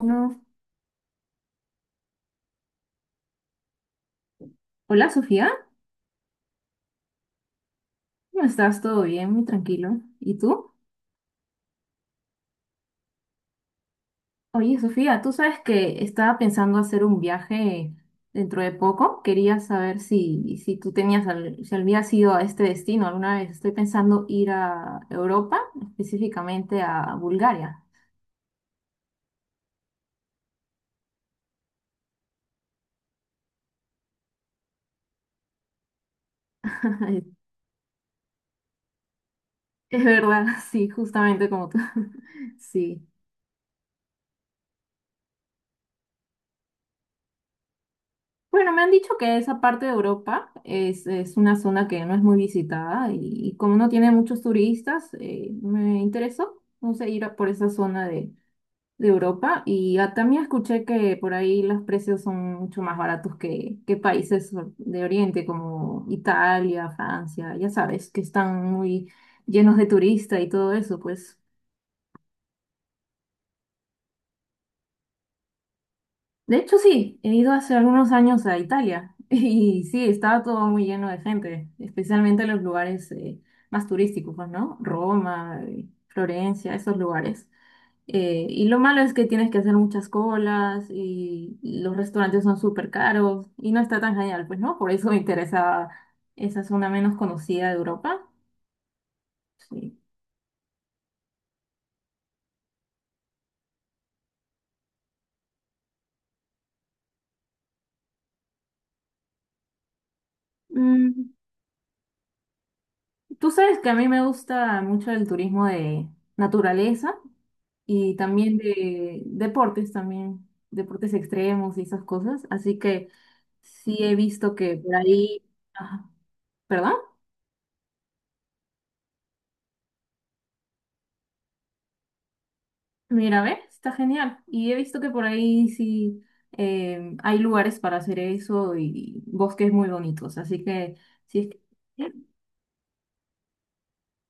No. Hola Sofía, ¿cómo estás? ¿Todo bien? Muy tranquilo. ¿Y tú? Oye Sofía, tú sabes que estaba pensando hacer un viaje dentro de poco. Quería saber si tú tenías, si habías ido a este destino alguna vez. Estoy pensando ir a Europa, específicamente a Bulgaria. Es verdad, sí, justamente como tú. Sí. Bueno, me han dicho que esa parte de Europa es una zona que no es muy visitada y como no tiene muchos turistas, me interesó, no sé, ir a por esa zona de Europa y también escuché que por ahí los precios son mucho más baratos que países de Oriente como Italia, Francia, ya sabes, que están muy llenos de turistas y todo eso, pues. De hecho, sí, he ido hace algunos años a Italia y sí, estaba todo muy lleno de gente, especialmente los lugares más turísticos, pues, ¿no? Roma, Florencia, esos lugares. Y lo malo es que tienes que hacer muchas colas y los restaurantes son súper caros y no está tan genial, pues, ¿no? Por eso me interesaba esa zona menos conocida de Europa. Sí. Mm, tú sabes que a mí me gusta mucho el turismo de naturaleza. Y también de deportes también, deportes extremos y esas cosas. Así que sí he visto que por ahí, ajá, ¿perdón? Mira, ve, está genial. Y he visto que por ahí sí hay lugares para hacer eso y bosques muy bonitos. Así que sí es que... sí,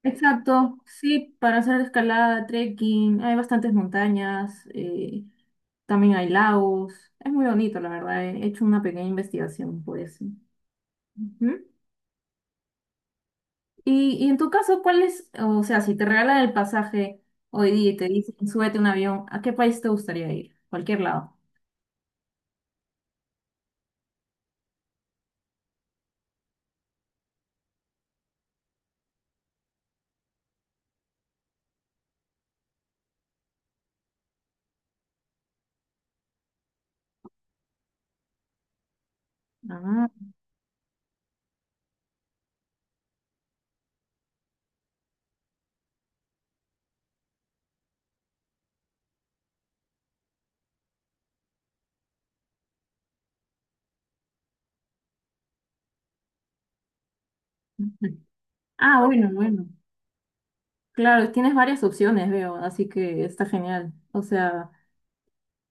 exacto, sí, para hacer escalada, trekking, hay bastantes montañas, también hay lagos, es muy bonito, la verdad, he hecho una pequeña investigación por eso. Ujú. Y en tu caso, ¿cuál es, o sea, si te regalan el pasaje hoy día y te dicen, súbete a un avión, ¿a qué país te gustaría ir? Cualquier lado. Ah, ujú. Ah, bueno, bueno. Claro, tienes varias opciones, veo, así que está genial. O sea,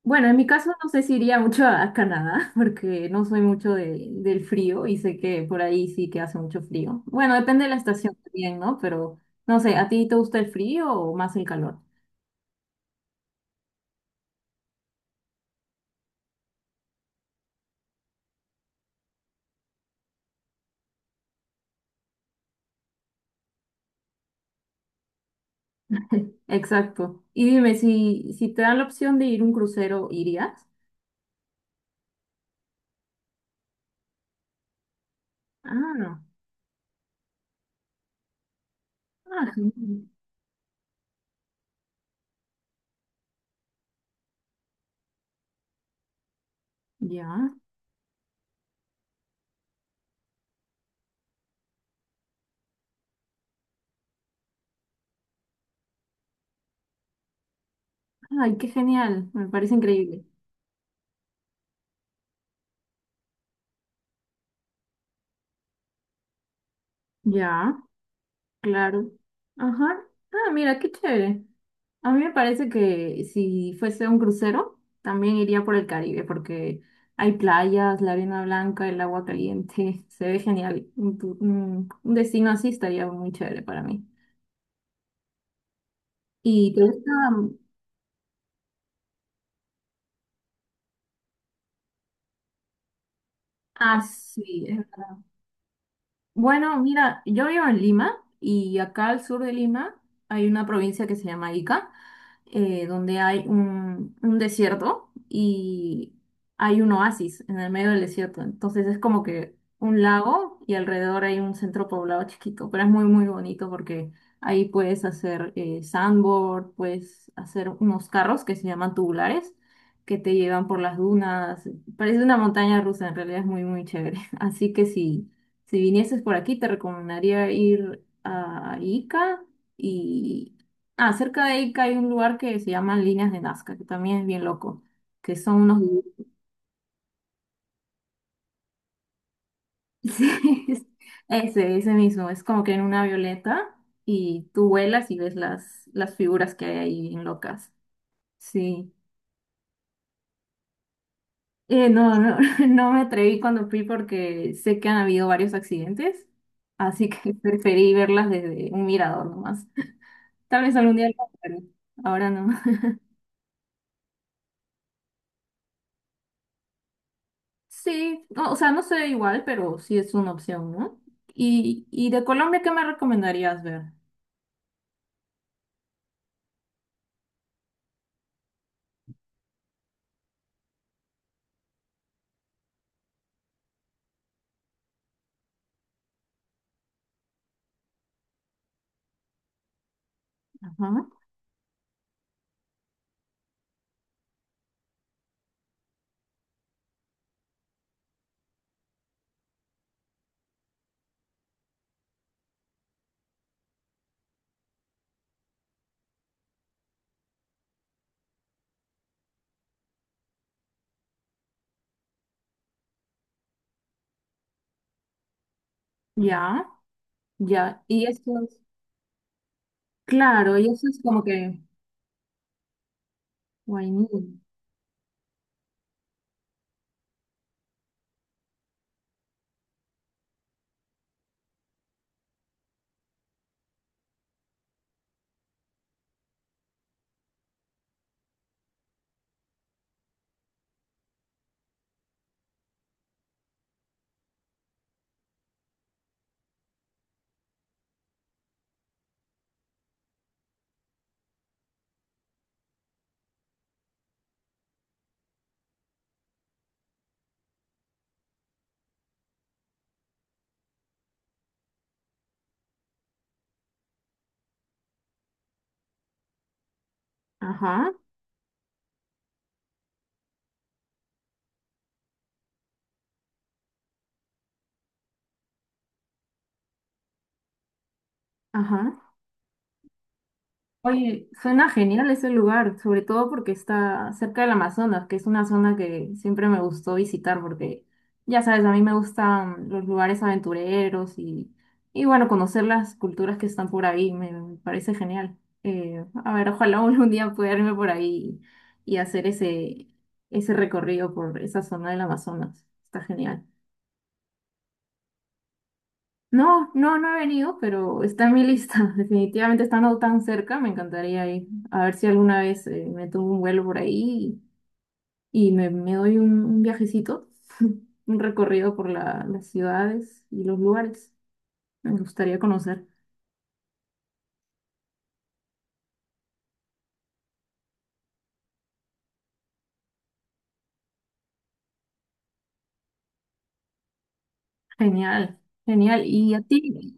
bueno, en mi caso no sé si iría mucho a Canadá, porque no soy mucho de- del frío y sé que por ahí sí que hace mucho frío. Bueno, depende de la estación también, ¿no? Pero no sé, ¿a ti te gusta el frío o más el calor? Exacto. Y dime, si te dan la opción de ir a un crucero, ¿irías? Ah, no. Ah, genial. Ya. Ay, qué genial. Me parece increíble. Ya, claro. Ajá. Ah, mira, qué chévere. A mí me parece que si fuese un crucero, también iría por el Caribe, porque hay playas, la arena blanca, el agua caliente. Se ve genial. Un destino así estaría muy chévere para mí. ¿Y te gusta? Ah, sí. Bueno, mira, yo vivo en Lima y acá al sur de Lima hay una provincia que se llama Ica donde hay un desierto y hay un oasis en el medio del desierto. Entonces es como que un lago y alrededor hay un centro poblado chiquito, pero es muy, muy bonito porque ahí puedes hacer sandboard, puedes hacer unos carros que se llaman tubulares, que te llevan por las dunas. Parece una montaña rusa, en realidad es muy, muy chévere. Así que si vinieses por aquí, te recomendaría ir a Ica, y, ah, cerca de ahí que hay un lugar que se llama Líneas de Nazca, que también es bien loco, que son unos... Sí, ese, ese mismo, es como que en una violeta y tú vuelas y ves las figuras que hay ahí bien locas. Sí. Eh, no, no, no me atreví cuando fui porque sé que han habido varios accidentes, así que preferí verlas desde un mirador nomás. Tal vez algún día lo haga, pero ahora no. Sí, no, o sea, no sé igual, pero sí es una opción, ¿no? Y de Colombia, ¿qué me recomendarías ver? Ajá. Ya, ya. Y eso es, claro, y eso es como que, guainí. Ajá, ajá. Oye, suena genial ese lugar, sobre todo porque está cerca del Amazonas, que es una zona que siempre me gustó visitar porque, ya sabes, a mí me gustan los lugares aventureros y bueno, conocer las culturas que están por ahí, me parece genial. A ver, ojalá algún día pueda irme por ahí y, hacer ese, ese recorrido por esa zona del Amazonas. Está genial. No, no, no he venido, pero está en mi lista. Definitivamente estando tan cerca, me encantaría ir. A ver si alguna vez me tomo un vuelo por ahí y, me doy un viajecito, un recorrido por las ciudades y los lugares. Me gustaría conocer. Genial, genial. ¿Y a ti?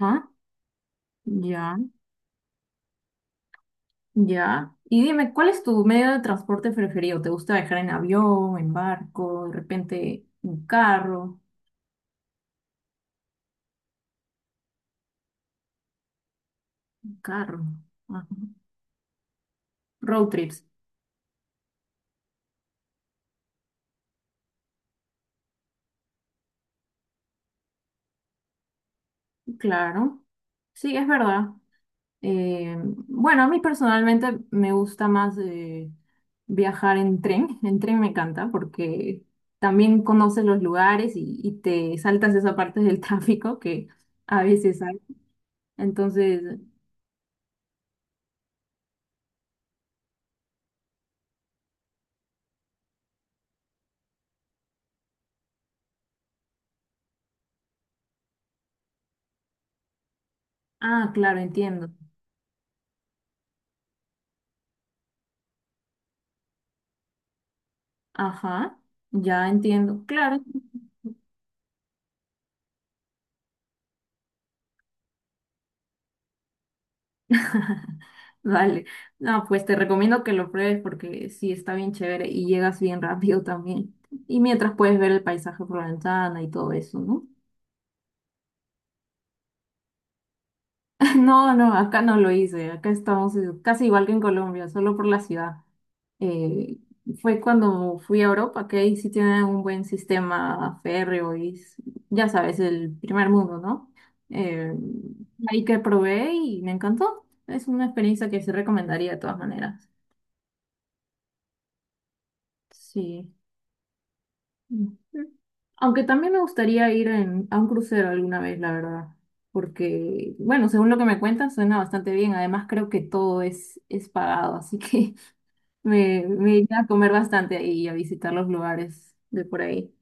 ¿Ah? Ya, ya. Y dime, ¿cuál es tu medio de transporte preferido? ¿Te gusta viajar en avión, en barco, de repente un carro? Un carro. Ajá. Road trips. Claro, sí, es verdad. Eh, bueno, a mí personalmente me gusta más viajar en tren. En tren me encanta porque también conoces los lugares y te saltas esa parte del tráfico que a veces hay. Entonces, ah, claro, entiendo. Ajá, ya entiendo. Claro, vale. No, pues te recomiendo que lo pruebes porque sí está bien chévere y llegas bien rápido también. Y mientras puedes ver el paisaje por la ventana y todo eso, ¿no? No, no, acá no lo hice. Acá estamos casi igual que en Colombia, solo por la ciudad. Eh, fue cuando fui a Europa, que ahí sí tienen un buen sistema férreo ya sabes, el primer mundo, ¿no? Eh, ahí que probé y me encantó. Es una experiencia que sí recomendaría de todas maneras. Sí. Ujú. Aunque también me gustaría ir a un crucero alguna vez, la verdad. Porque, bueno, según lo que me cuentas, suena bastante bien. Además, creo que todo es pagado, así que me iría a comer bastante ahí y a visitar los lugares de por ahí.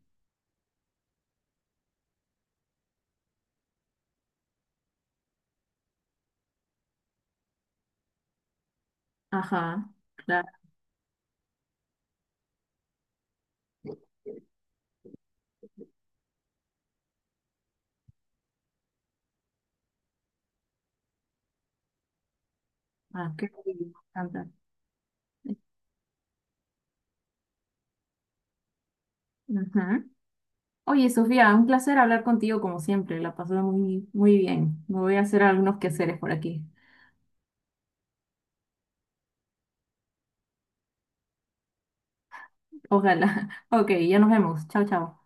Ajá, claro. Ah, qué rico, me encanta. Ujú. Oye, Sofía, un placer hablar contigo como siempre. La pasé muy, muy bien. Me voy a hacer algunos quehaceres por aquí. Ojalá. Ok, ya nos vemos. Chao, chao.